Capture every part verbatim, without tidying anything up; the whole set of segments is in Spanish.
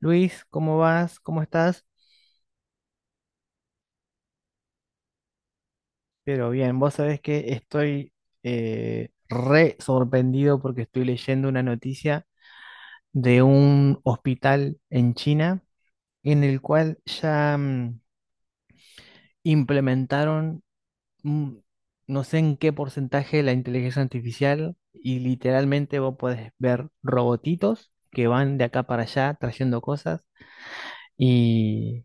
Luis, ¿cómo vas? ¿Cómo estás? Pero bien, vos sabés que estoy eh, re sorprendido porque estoy leyendo una noticia de un hospital en China en el cual ya mm, implementaron mm, no sé en qué porcentaje la inteligencia artificial y literalmente vos podés ver robotitos que van de acá para allá trayendo cosas. Y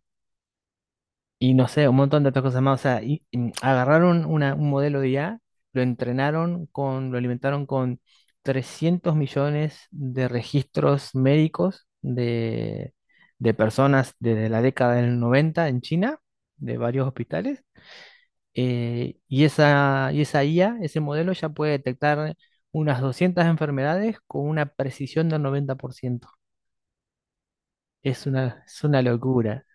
Y no sé, un montón de otras cosas más. O sea, y, y agarraron una- un modelo de I A, lo entrenaron con, lo alimentaron con trescientos millones de registros médicos de, de personas desde la década del noventa en China, de varios hospitales. Eh, y esa, y esa I A, ese modelo ya puede detectar unas doscientas enfermedades con una precisión del noventa por ciento. Es una, es una locura.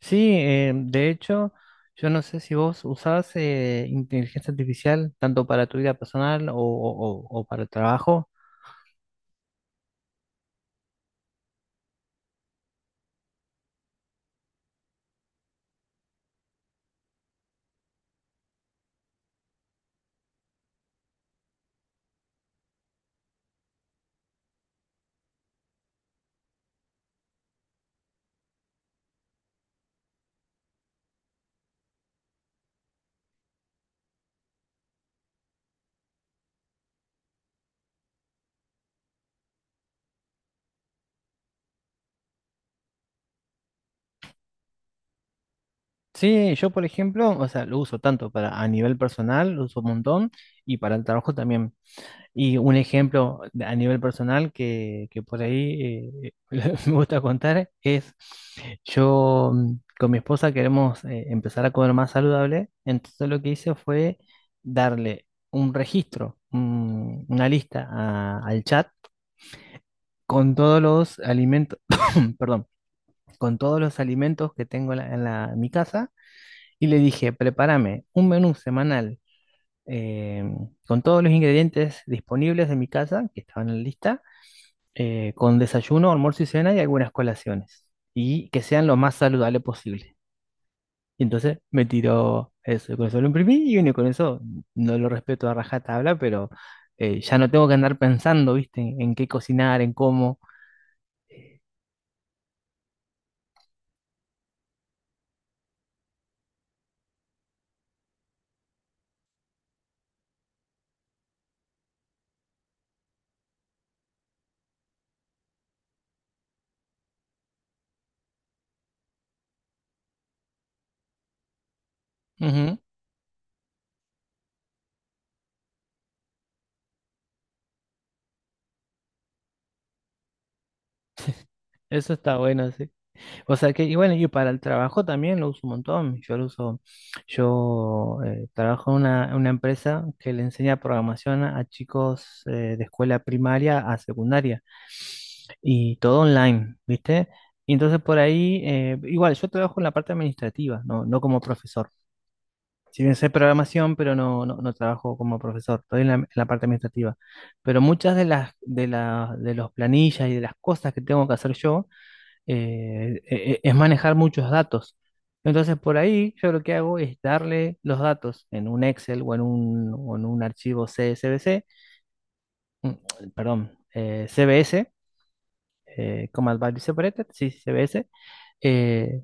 Sí, eh, de hecho, yo no sé si vos usabas eh, inteligencia artificial tanto para tu vida personal o, o- o- o para el trabajo. Sí, yo por ejemplo, o sea, lo uso tanto para a nivel personal, lo uso un montón, y para el trabajo también. Y un ejemplo de- a nivel personal que, que por ahí eh, me gusta contar es yo mm, con mi esposa queremos eh, empezar a comer más saludable, entonces lo que hice fue darle un registro, un- una lista a- al chat con todos los alimentos, perdón, con todos los alimentos que tengo en, la- en la- en mi casa y le dije, prepárame un menú semanal eh, con todos los ingredientes disponibles de mi casa que estaban en la lista, eh, con desayuno, almuerzo y cena y algunas colaciones. Y que sean lo más saludable posible. Y entonces me tiró eso, y con eso lo imprimí y bueno, y con eso no lo respeto a rajatabla, pero eh, ya no tengo que andar pensando, ¿viste? En, en qué cocinar, en cómo. Ujú. Eso está bueno, sí. O sea que, y bueno, y para el trabajo también lo uso un montón. Yo lo uso, yo eh, trabajo en una, en una empresa que le enseña programación a, a chicos eh, de escuela primaria a secundaria. Y todo online, ¿viste? Y entonces por ahí, eh, igual, yo trabajo en la parte administrativa, no, no como profesor. Si bien sé programación, pero no, no, no trabajo como profesor, estoy en la, en la parte administrativa. Pero muchas de las de la- de los planillas y de las cosas que tengo que hacer yo, eh, e- e- es manejar muchos datos. Entonces por ahí yo lo que hago es darle los datos en un Excel o en un, o en un archivo C S V C, mm, perdón, eh, C V S, eh, como Advice Separated, sí, C B S, eh,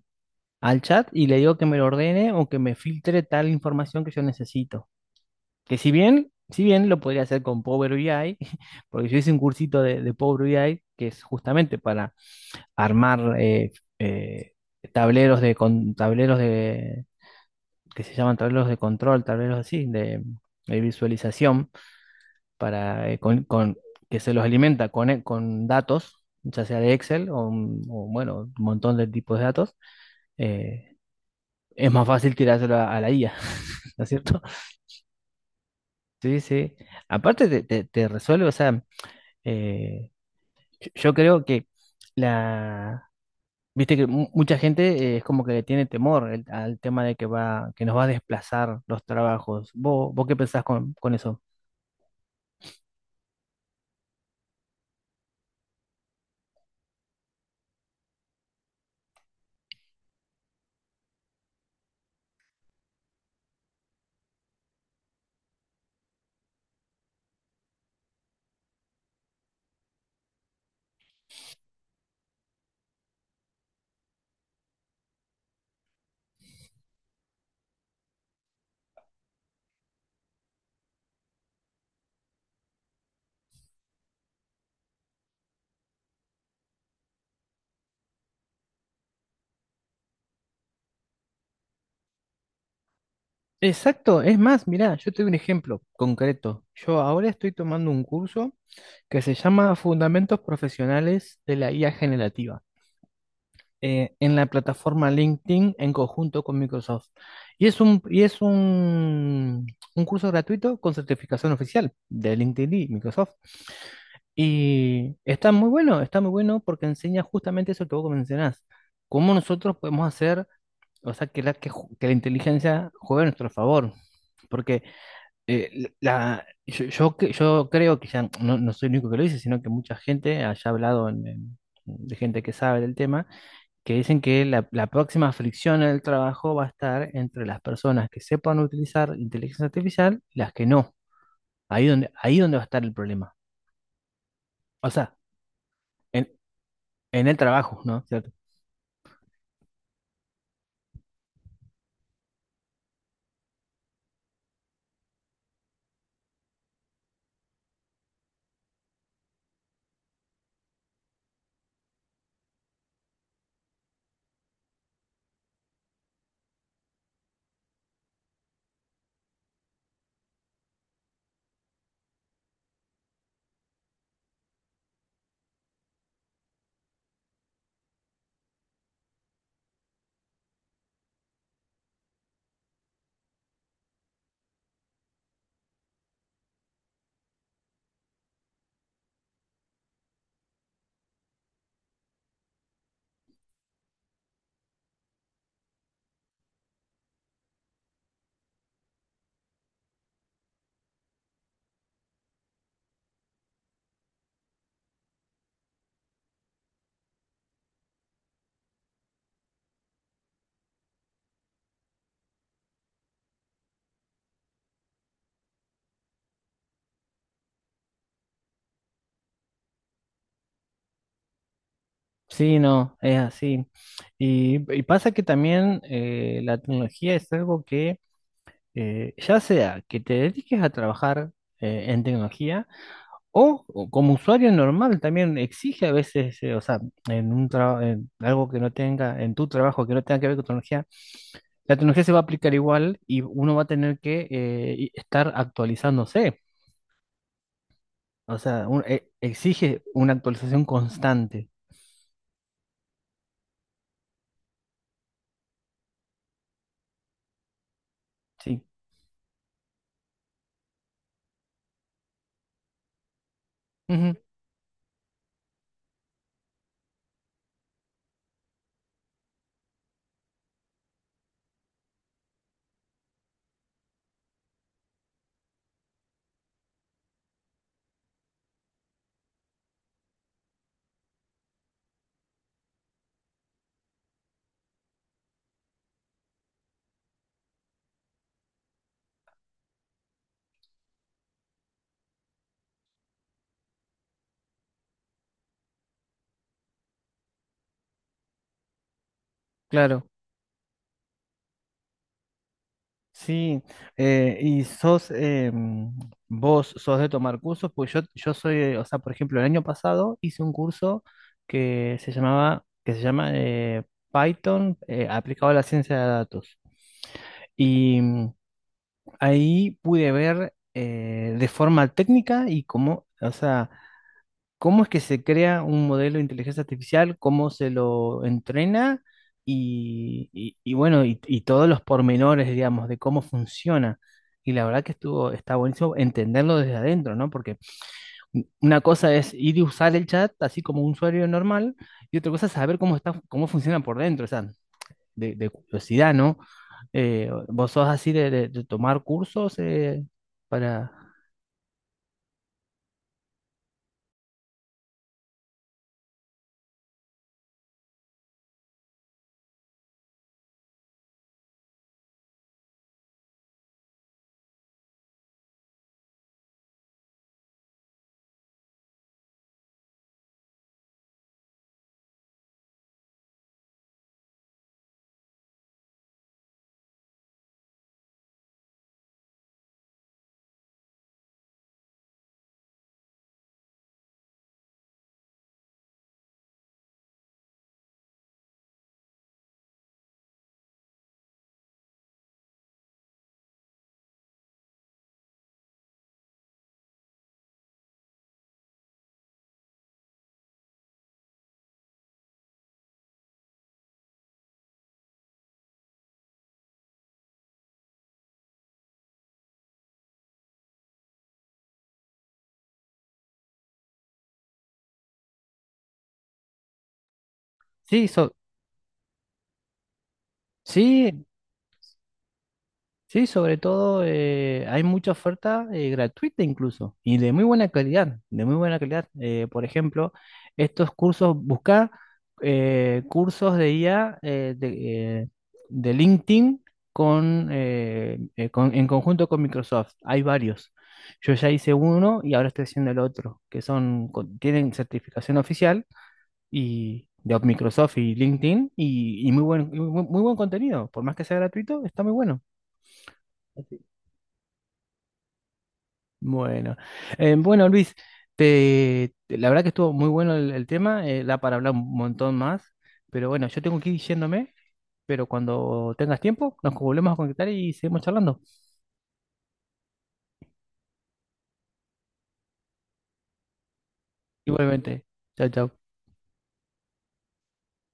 al chat y le digo que me lo ordene o que me filtre tal información que yo necesito. Que si bien, si bien lo podría hacer con Power B I, porque yo hice un cursito de, de Power B I, que es justamente para armar eh, eh, tableros de con, tableros de, que se llaman tableros de control, tableros así de, de visualización para, eh, con, con- que se los alimenta con, eh, con datos, ya sea de Excel o, un- o, bueno, un montón de tipos de datos, eh, es más fácil tirárselo a, a la I A, ¿no es cierto? Sí, sí. Aparte te, te- te resuelve, o sea, eh, yo yo creo que la... Viste que mu- mucha gente eh, es como que le tiene temor el- al tema de que va, que nos va a desplazar los trabajos. ¿Vos, vos qué pensás con, con eso? Exacto, es más, mirá, yo te doy un ejemplo concreto. Yo ahora estoy tomando un curso que se llama Fundamentos Profesionales de la I A Generativa, eh, en la plataforma LinkedIn en conjunto con Microsoft. Y es un, y es un, un curso gratuito con certificación oficial de LinkedIn y Microsoft. Y está muy bueno, está muy bueno porque enseña justamente eso que vos mencionás, cómo nosotros podemos hacer, o sea, que la, que, ju- que la inteligencia juegue a nuestro favor. Porque eh, la, yo, yo, cre- yo creo que ya no, no soy el único que lo dice, sino que mucha gente haya hablado en- en- de gente que sabe del tema, que dicen que la, la próxima fricción en el trabajo va a estar entre las personas que sepan utilizar inteligencia artificial y las que no. Ahí donde, ahí donde va a estar el problema. O sea, en, en el trabajo, ¿no? ¿Cierto? Sí, no, es así. Y, y pasa que también eh, la tecnología es algo que, eh, ya sea que te dediques a trabajar eh, en tecnología, O, o como usuario normal también exige a veces, eh, o sea, en un trabajo, en algo que no tenga, en tu trabajo que no tenga que ver con tecnología, la tecnología se va a aplicar igual y uno va a tener que eh, y- estar actualizándose. O sea, un- e- exige una actualización constante. Sí. Ujú, claro. Sí, eh, y sos, eh, mm, vos sos de tomar cursos, pues yo, yo soy, eh, o sea, por ejemplo, el año pasado hice un curso que se llamaba, que se llama eh, Python eh, aplicado a la ciencia de datos. Y mm, ahí pude ver eh, de forma técnica y cómo, o sea, ¿cómo es que se crea un modelo de inteligencia artificial? ¿Cómo se lo entrena? Y, y- y bueno, y, y todos los pormenores, digamos, de cómo funciona. Y la verdad que estuvo, está buenísimo entenderlo desde adentro, ¿no? Porque u- una cosa es ir y usar el chat así como un usuario normal, y otra cosa es saber cómo está, cómo funciona por dentro, o sea, de, de curiosidad, ¿no? Eh, ¿vos sos así de, de- de tomar cursos eh, para... Sí, so- sí. Sí, sobre todo eh, hay mucha oferta eh, gratuita incluso y de muy buena calidad, de muy buena calidad. Eh, por ejemplo, estos cursos, buscar eh, cursos de I A eh, de, eh, de LinkedIn con, eh, eh, con- en conjunto con Microsoft. Hay varios. Yo ya hice uno y ahora estoy haciendo el otro, que son, con- tienen certificación oficial y de Microsoft y LinkedIn y, y muy buen, muy muy buen contenido. Por más que sea gratuito, está muy bueno. Bueno, Eh, bueno, Luis, te, te- la verdad que estuvo muy bueno el, el tema, eh, da para hablar un montón más, pero bueno, yo tengo que ir yéndome, pero cuando tengas tiempo nos volvemos a conectar y seguimos charlando. Igualmente, chao, chao.